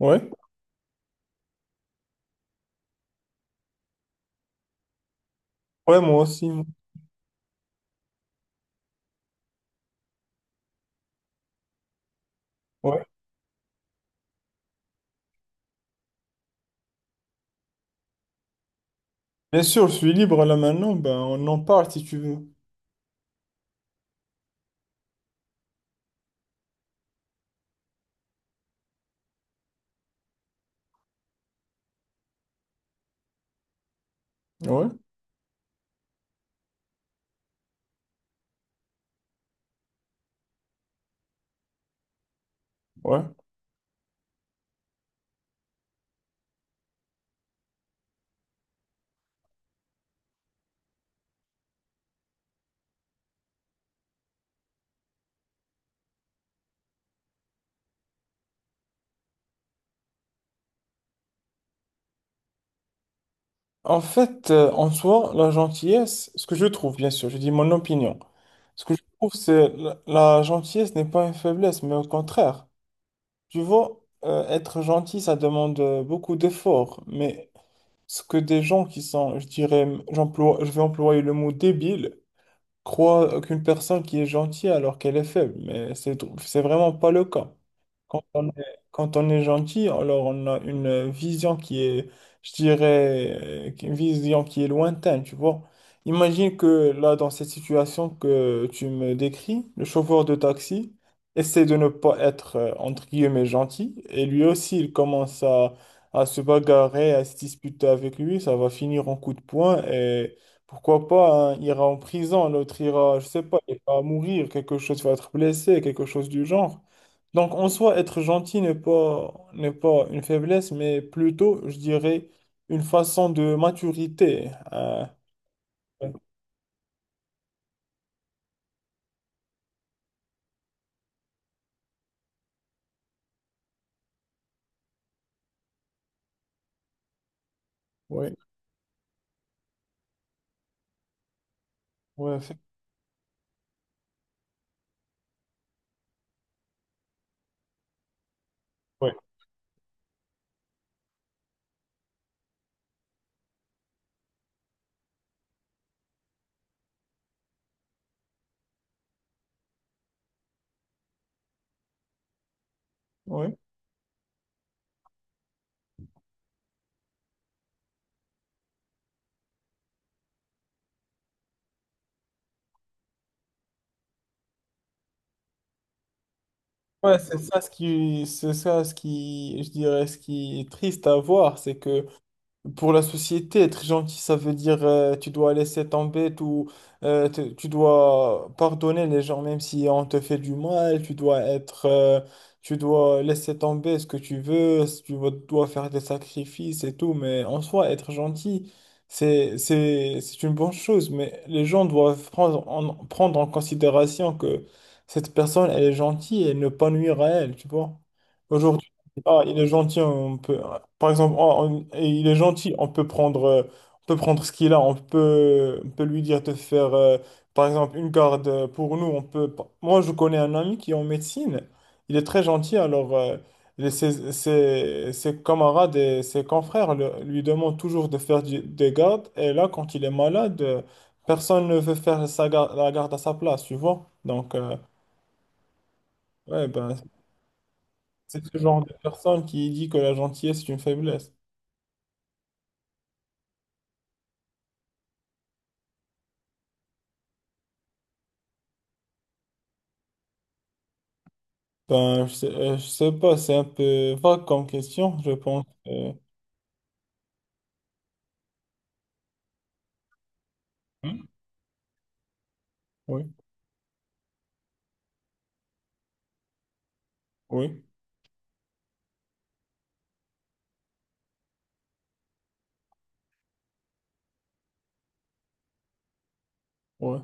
Ouais, ouais, moi aussi. Ouais. Bien sûr, je suis libre là maintenant, ben on en parle si tu veux. Ouais, ouais. En fait, en soi, la gentillesse, ce que je trouve, bien sûr, je dis mon opinion, ce que je trouve, c'est la gentillesse n'est pas une faiblesse, mais au contraire. Tu vois, être gentil, ça demande beaucoup d'efforts, mais ce que des gens qui sont, je dirais, je vais employer le mot débile, croient qu'une personne qui est gentille alors qu'elle est faible, mais c'est vraiment pas le cas. Quand on est, quand on est gentil, alors on a une vision je dirais, une vision qui est lointaine, tu vois. Imagine que là, dans cette situation que tu me décris, le chauffeur de taxi essaie de ne pas être, entre guillemets, gentil, et lui aussi, à se bagarrer, à se disputer avec lui, ça va finir en coup de poing, et pourquoi pas, hein, il ira en prison, l'autre ira, je sais pas, il va mourir, quelque chose va être blessé, quelque chose du genre. Donc, en soi, être gentil n'est pas une faiblesse, mais plutôt, je dirais, une façon de maturité. Ouais, ouais, c'est- ouais, ouais. Ouais, c'est ça ce qui, c'est ça ce qui, je dirais, ce qui est triste à voir, c'est que pour la société, être gentil, ça veut dire tu dois laisser tomber tout, tu dois pardonner les gens même si on te fait du mal, tu dois laisser tomber ce que tu veux, si tu veux- dois faire des sacrifices et tout, mais en soi, être gentil, c'est une bonne chose, mais les gens doivent prendre en considération que cette personne, elle est gentille et ne pas nuire à elle, tu vois. Aujourd'hui, ah, il est gentil, on peut. Par exemple, il est gentil, on peut prendre ce qu'il a, on peut lui dire de faire, par exemple, une garde pour nous. On peut, pas- moi, je connais un ami qui est en médecine, il est très gentil, alors ses camarades et ses confrères lui demandent toujours de faire des gardes, et là, quand il est malade, personne ne veut la garde à sa place, tu vois? Donc, ouais, ben, c'est ce genre de personne qui dit que la gentillesse est une faiblesse. Ben, je sais pas, c'est un peu vague comme question, je pense. Hmm, oui, oui, ouais.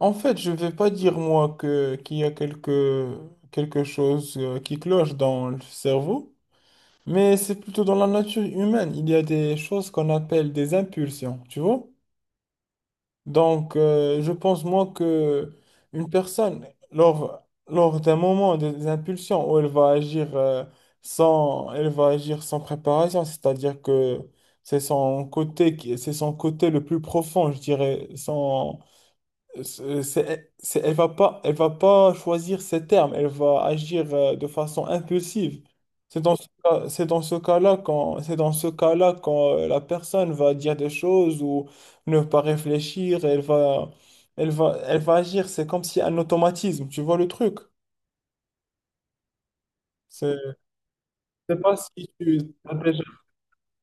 En fait, je vais pas dire moi que qu'il y a quelque chose qui cloche dans le cerveau, mais c'est plutôt dans la nature humaine. Il y a des choses qu'on appelle des impulsions, tu vois? Donc, je pense, moi, que une personne, lors d'un moment, des impulsions où elle va agir, sans, elle va agir sans préparation, c'est-à-dire que c'est c'est son côté le plus profond, je dirais, son, c'est- elle va pas choisir ses termes, elle va agir de façon impulsive. C'est dans ce cas, c'est dans ce cas-là quand, c'est dans ce cas-là quand la personne va dire des choses ou ne pas réfléchir, elle va agir. C'est comme si un automatisme. Tu vois le truc? C'est, je sais pas si tu as déjà,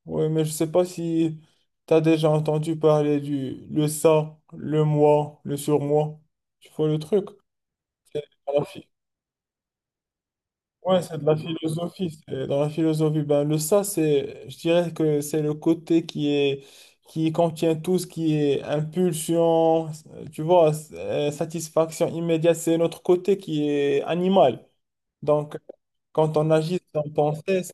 ouais, mais je sais pas si tu as déjà entendu parler du le ça, le moi, le surmoi. Tu vois le truc? Voilà. Ouais, c'est de la philosophie. C'est Dans la philosophie, ben, le ça, c'est, je dirais que c'est le côté qui est, qui contient tout ce qui est impulsion, tu vois, satisfaction immédiate. C'est notre côté qui est animal. Donc, quand on agit sans penser,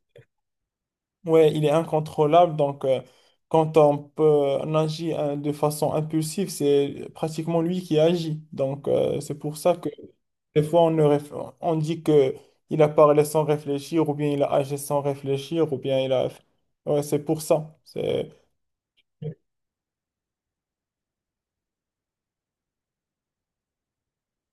ouais, il est incontrôlable. Donc, quand on agit hein, de façon impulsive, c'est pratiquement lui qui agit. Donc, c'est pour ça que des fois, on, ne réf- on dit que il a parlé sans réfléchir, ou bien il a agi sans réfléchir, ou bien il a... Ouais, c'est pour ça. C'est...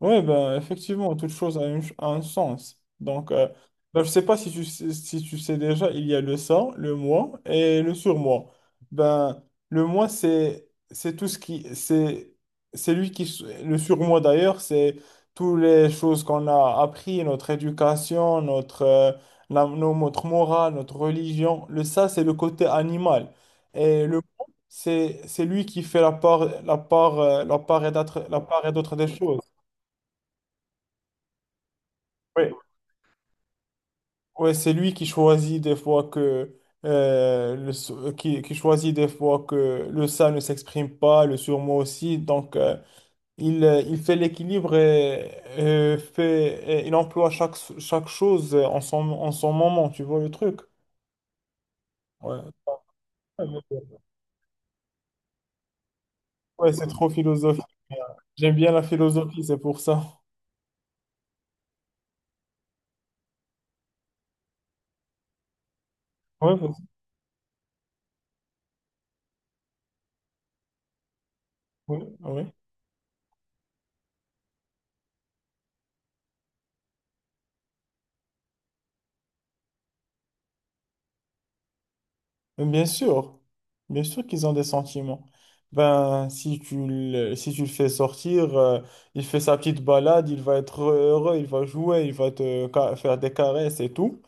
Oui, ben, effectivement, toute chose a un sens. Donc, ben, je sais pas si tu sais déjà, il y a le ça, le moi et le surmoi. Ben, le moi, c'est tout ce qui... c'est lui qui... s- Le surmoi, d'ailleurs, c'est toutes les choses qu'on a appris, notre éducation, notre, la- nos- notre morale, notre religion. Le ça, c'est le côté animal. Et le moi, c'est lui qui fait la part et d'autres la part et d'autre des choses. Oui. Ouais, c'est lui qui choisit des fois que qui choisit des fois que le ça ne s'exprime pas, le surmoi aussi. Donc il fait l'équilibre et, fait et il emploie chaque chose en son moment. Tu vois le truc? Ouais. Ouais, c'est trop philosophique. J'aime bien la philosophie, c'est pour ça. Ouais, vas-y. Ouais, ouais. Bien sûr, bien sûr qu'ils ont des sentiments. Ben, si tu le fais sortir, il fait sa petite balade, il va être heureux, il va jouer, il va faire des caresses et tout.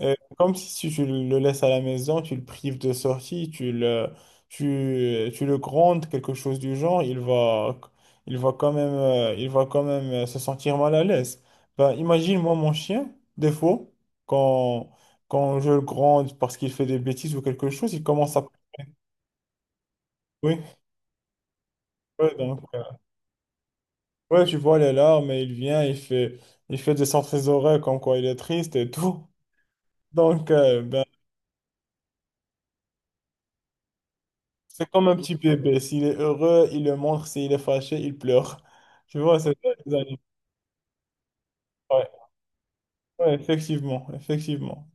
Comme si, si tu le laisses à la maison, tu le prives de sortie, tu le grondes, quelque chose du genre, il va quand même se sentir mal à l'aise. Ben, imagine-moi mon chien, des fois, quand je le gronde parce qu'il fait des bêtises ou quelque chose, il commence à... Oui, ouais, donc, ouais, tu vois les larmes et il fait descendre ses oreilles comme quoi il est triste et tout. Donc, ben, comme un petit bébé, s'il est heureux, il le montre, s'il est fâché, il pleure. Tu vois, c'est ça les animaux. Ouais, ouais, effectivement, effectivement.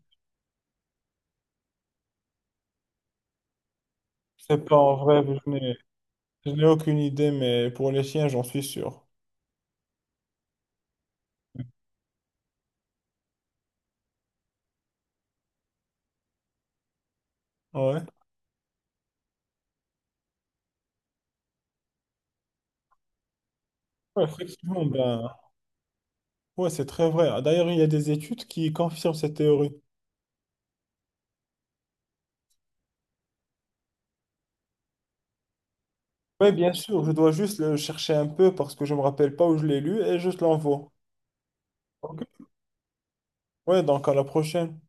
Je sais pas en vrai, je n'ai aucune idée, mais pour les chiens, j'en suis sûr. Ouais. Ouais, effectivement, ben, ouais, c'est très vrai. D'ailleurs, il y a des études qui confirment cette théorie. Oui, bien sûr, je dois juste le chercher un peu parce que je me rappelle pas où je l'ai lu et je te l'envoie. Ok. Ouais, donc à la prochaine.